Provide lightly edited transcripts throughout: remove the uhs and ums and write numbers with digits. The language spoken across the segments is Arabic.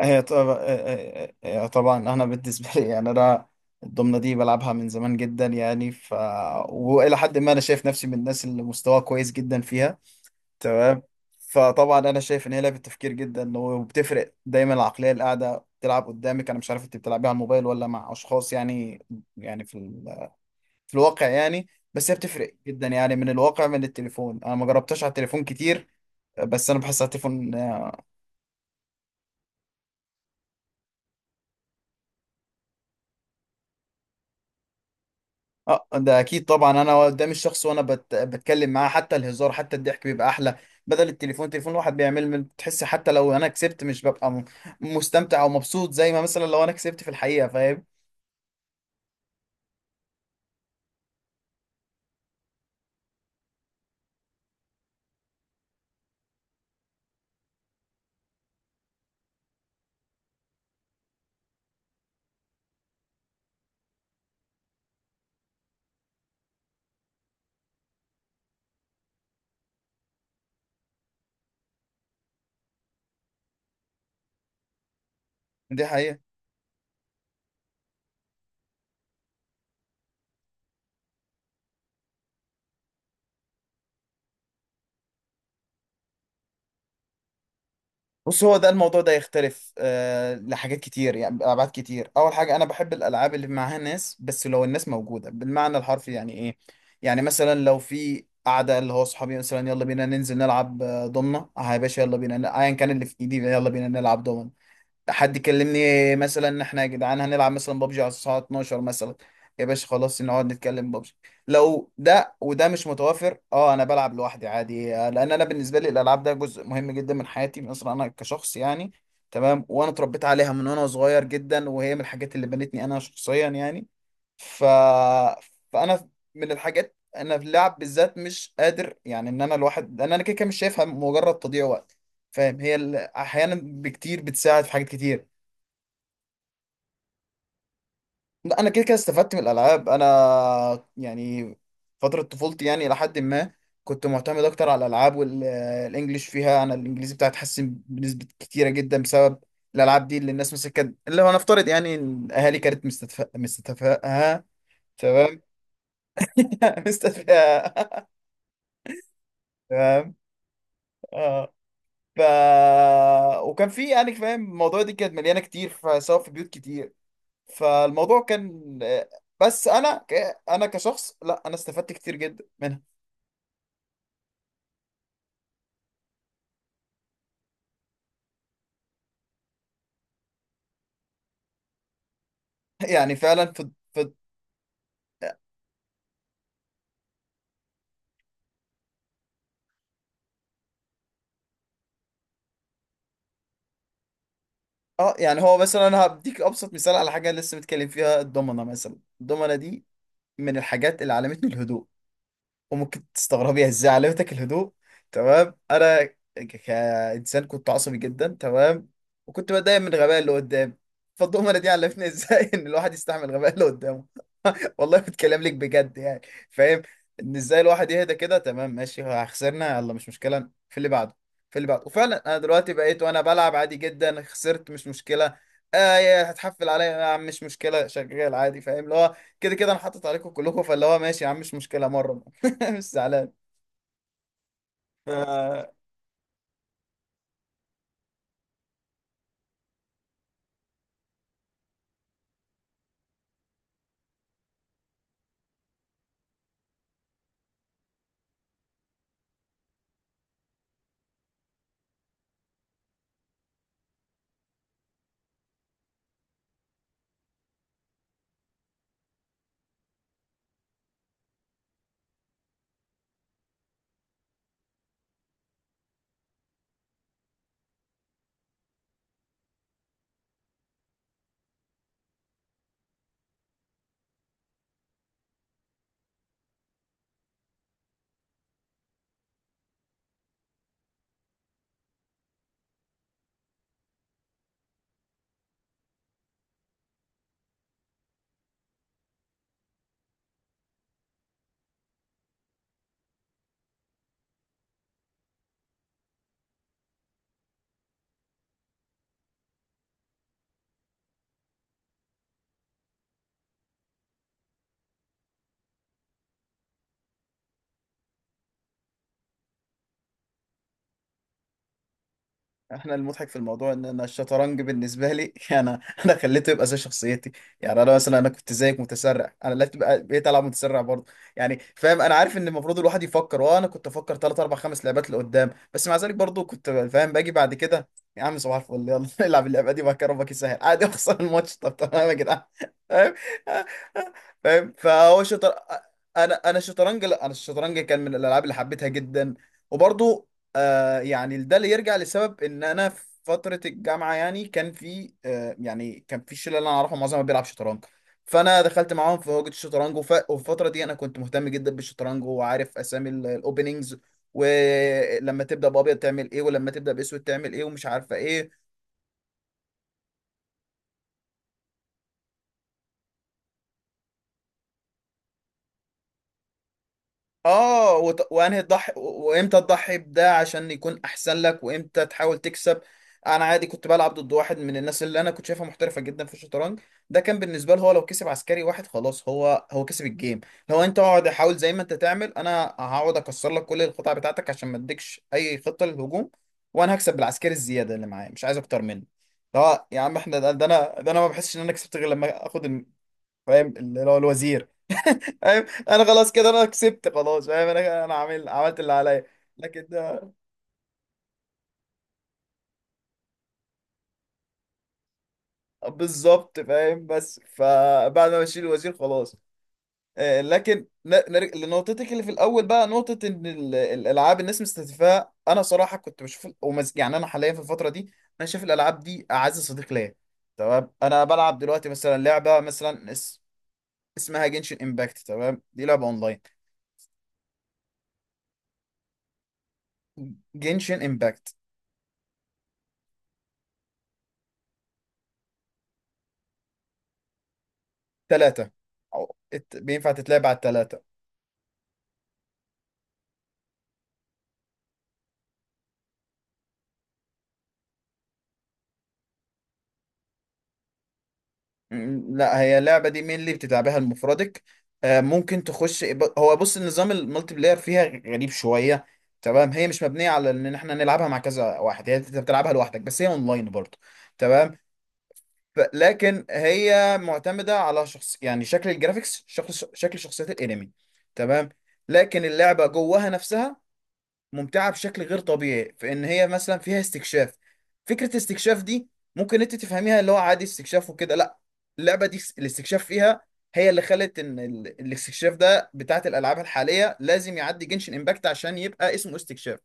هي طبعا هي طبعا انا بالنسبه لي، يعني انا الضمنه دي بلعبها من زمان جدا، يعني والى حد ما انا شايف نفسي من الناس اللي مستواها كويس جدا فيها، تمام. فطبعا انا شايف ان هي لعبه تفكير جدا، وبتفرق دايما العقليه اللي قاعده بتلعب قدامك. انا مش عارف انت بتلعبيها على الموبايل ولا مع اشخاص؟ يعني يعني في ال... في الواقع، يعني بس هي بتفرق جدا، يعني من الواقع من التليفون. انا ما جربتهاش على التليفون كتير، بس انا بحس على التليفون اه ده اكيد. طبعا انا قدام الشخص وانا بتكلم معاه، حتى الهزار حتى الضحك بيبقى احلى بدل التليفون الواحد بيعمل بتحس حتى لو انا كسبت مش ببقى مستمتع او مبسوط زي ما مثلا لو انا كسبت في الحقيقة، فاهم؟ دي حقيقة. بص، هو ده الموضوع ده يختلف لحاجات كتير، يعني ابعاد كتير. اول حاجة انا بحب الالعاب اللي معاها ناس، بس لو الناس موجودة بالمعنى الحرفي، يعني ايه؟ يعني مثلا لو في قعدة، اللي هو صحابي مثلا يلا بينا ننزل نلعب ضمنة، اه يا باشا يلا بينا، ايا كان اللي في ايدي يلا بينا نلعب ضمنة. حد كلمني مثلا ان احنا يا جدعان هنلعب مثلا بابجي على الساعه 12 مثلا، يا باشا خلاص نقعد نتكلم بابجي. لو ده وده مش متوافر، اه انا بلعب لوحدي عادي لان انا بالنسبه لي الالعاب ده جزء مهم جدا من حياتي مثلا، انا كشخص يعني. تمام، وانا اتربيت عليها من وانا صغير جدا، وهي من الحاجات اللي بنتني انا شخصيا يعني، ف فانا من الحاجات، انا في اللعب بالذات مش قادر، يعني ان انا الواحد، لان انا كده كده مش شايفها مجرد تضييع وقت. فاهم؟ احيانا بكتير بتساعد في حاجات كتير. لا انا كده كده استفدت من الالعاب انا، يعني فتره طفولتي يعني، الى حد ما كنت معتمد اكتر على الالعاب، والانجليش فيها، انا الانجليزي بتاعي اتحسن بنسبه كتيره جدا بسبب الالعاب دي، اللي الناس مثلا كانت اللي هو نفترض يعني إن الاهالي كانت مستدفئه مستدفئه، تمام. مستدفئه، تمام. اه ف وكان في يعني، فاهم الموضوع دي كانت مليانه كتير، فسواء في بيوت كتير، فالموضوع كان بس انا كشخص لا، انا استفدت كتير جدا منها. يعني فعلا في في اه، يعني هو مثلا انا هديك ابسط مثال على حاجه لسه متكلم فيها، الضمنه مثلا. الضمنه دي من الحاجات اللي علمتني الهدوء. وممكن تستغربي ازاي علمتك الهدوء؟ تمام، كانسان كنت عصبي جدا، تمام. وكنت بتضايق من الغباء اللي قدامي. فالضمنه دي علمتني ازاي ان الواحد يستحمل الغباء اللي قدامه. والله بتكلم لك بجد يعني. فاهم؟ ان ازاي الواحد يهدى كده، تمام ماشي ها، خسرنا يلا مش مشكله، في اللي بعده في اللي بعده. وفعلا انا دلوقتي بقيت وانا بلعب عادي جدا، خسرت مش مشكله. يا هتحفل عليا يا عم، مش مشكله شغال عادي، فاهم؟ اللي هو كده كده انا حاطط عليكم كلكم، فاللي هو ماشي يا عم، مش مشكله مره. مش زعلان. احنا المضحك في الموضوع ان انا الشطرنج بالنسبه لي انا خليته يبقى زي شخصيتي. يعني انا مثلا انا كنت زيك متسرع، انا لا تبقى بقيت العب متسرع برضه، يعني فاهم؟ انا عارف ان المفروض الواحد يفكر، وانا كنت افكر ثلاث اربع خمس لعبات لقدام، بس مع ذلك برضه كنت فاهم باجي بعد كده، يا عم صباح الفل يلا العب اللعبه دي بقى، ربك يسهل عادي اخسر الماتش، طب تمام يا جدعان. فاهم فاهم فهو شطر انا انا الشطرنج لا انا الشطرنج كان من الالعاب اللي حبيتها جدا. وبرضه آه، يعني ده اللي يرجع لسبب ان انا في فتره الجامعه، يعني كان في آه، يعني كان في الشله اللي انا اعرفها معظمها بيلعب شطرنج. فانا دخلت معاهم في هوجة الشطرنج وفي الفتره دي انا كنت مهتم جدا بالشطرنج، وعارف اسامي الاوبننجز، ولما تبدا بابيض تعمل ايه، ولما تبدا باسود تعمل ايه، ومش عارفه ايه. اه وانهي تضحي وامتى تضحي بده، عشان يكون احسن لك، وامتى تحاول تكسب. انا عادي كنت بلعب ضد واحد من الناس اللي انا كنت شايفها محترفه جدا في الشطرنج. ده كان بالنسبه له، هو لو كسب عسكري واحد خلاص، هو كسب الجيم. لو انت اقعد حاول زي ما انت تعمل، انا هقعد اكسر لك كل القطع بتاعتك عشان ما اديكش اي خطه للهجوم، وانا هكسب بالعسكري الزياده اللي معايا، مش عايز اكتر منه. لا يا عم احنا ده انا ما بحسش ان انا كسبت غير لما اخد فاهم اللي هو الوزير. فاهم؟ انا خلاص كده انا كسبت خلاص، فاهم؟ انا عامل عملت اللي عليا، لكن ده بالظبط. فاهم؟ بس فبعد ما بشيل الوزير خلاص، لكن نرجع لنقطتك اللي في الاول بقى، نقطه ان الالعاب الناس مستهدفاها، انا صراحه كنت بشوف يعني انا حاليا في الفتره دي انا شايف الالعاب دي اعز صديق ليا. تمام، انا بلعب دلوقتي مثلا لعبه مثلا اسمها جنشن امباكت. تمام، دي لعبه اونلاين. جنشن امباكت، ثلاثه بينفع تتلعب على الثلاثه. لا، هي اللعبة دي مين اللي بتلعبها المفردك، ممكن تخش هو بص، النظام المالتي بلاير فيها غريب شوية. تمام، هي مش مبنية على ان احنا نلعبها مع كذا واحد، هي انت بتلعبها لوحدك، بس هي اونلاين برضه. تمام. لكن هي معتمدة على شخص، يعني شكل الجرافيكس، شكل شخصيات الانمي. تمام، لكن اللعبة جواها نفسها ممتعة بشكل غير طبيعي، في ان هي مثلا فيها استكشاف. فكرة استكشاف دي ممكن انت تفهميها اللي هو عادي استكشاف وكده، لا، اللعبة دي الاستكشاف فيها هي اللي خلت ان الاستكشاف ده بتاعت الالعاب الحالية لازم يعدي جنشن امباكت عشان يبقى اسمه استكشاف.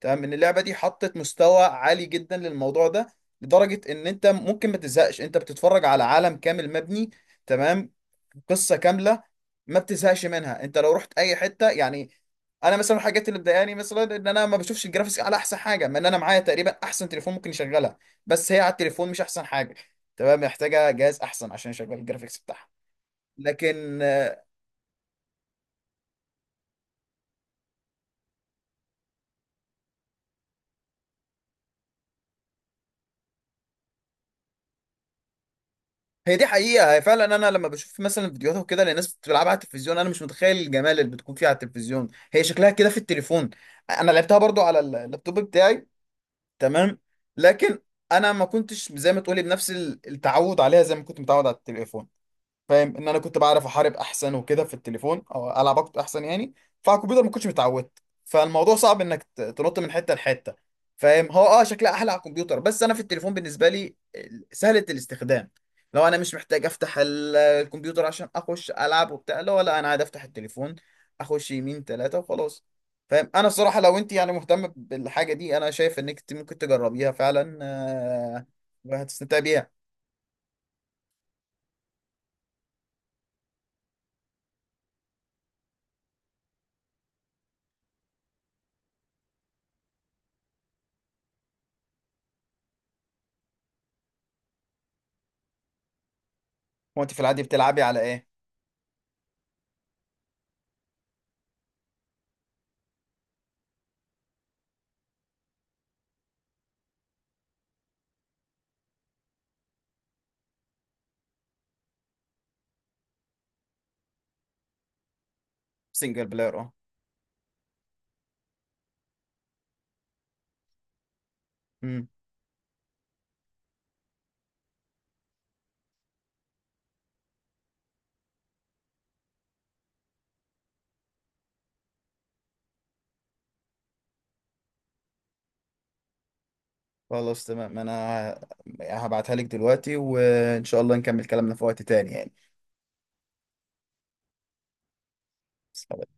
تمام، ان اللعبه دي حطت مستوى عالي جدا للموضوع ده، لدرجه ان انت ممكن ما تزهقش. انت بتتفرج على عالم كامل مبني، تمام، قصه كامله، ما بتزهقش منها انت لو رحت اي حته، يعني. انا مثلا الحاجات اللي مضايقاني مثلا ان انا ما بشوفش الجرافيكس على احسن حاجه، ما ان انا معايا تقريبا احسن تليفون ممكن يشغلها، بس هي على التليفون مش احسن حاجه، تمام، محتاجه جهاز احسن عشان يشغل الجرافيكس بتاعها. لكن هي دي حقيقة، هي فعلا أنا لما بشوف مثلا فيديوهات وكده لناس بتلعبها على التلفزيون، أنا مش متخيل الجمال اللي بتكون فيها على التلفزيون، هي شكلها كده في التليفون. أنا لعبتها برضو على اللابتوب بتاعي، تمام، لكن أنا ما كنتش زي ما تقولي بنفس التعود عليها، زي ما كنت متعود على التليفون. فاهم؟ ان انا كنت بعرف احارب احسن وكده في التليفون، او العب اكتر احسن يعني، فعلى الكمبيوتر ما كنتش متعود، فالموضوع صعب انك تنط من حته لحته. فاهم؟ هو اه شكلها احلى على الكمبيوتر، بس انا في التليفون بالنسبه لي سهله الاستخدام. لو انا مش محتاج افتح الكمبيوتر عشان اخش العب وبتاع، لا، ولا انا عادي افتح التليفون اخش يمين ثلاثه وخلاص. فاهم؟ انا الصراحه لو انت يعني مهتم بالحاجه دي، انا شايف انك ممكن تجربيها فعلا وهتستمتعي بيها. وانت في العادي بتلعبي على ايه؟ سنجل بلاير اه. مم. خلاص تمام، انا ه- هبعتها لك دلوقتي، وان شاء الله نكمل كلامنا في وقت تاني، يعني.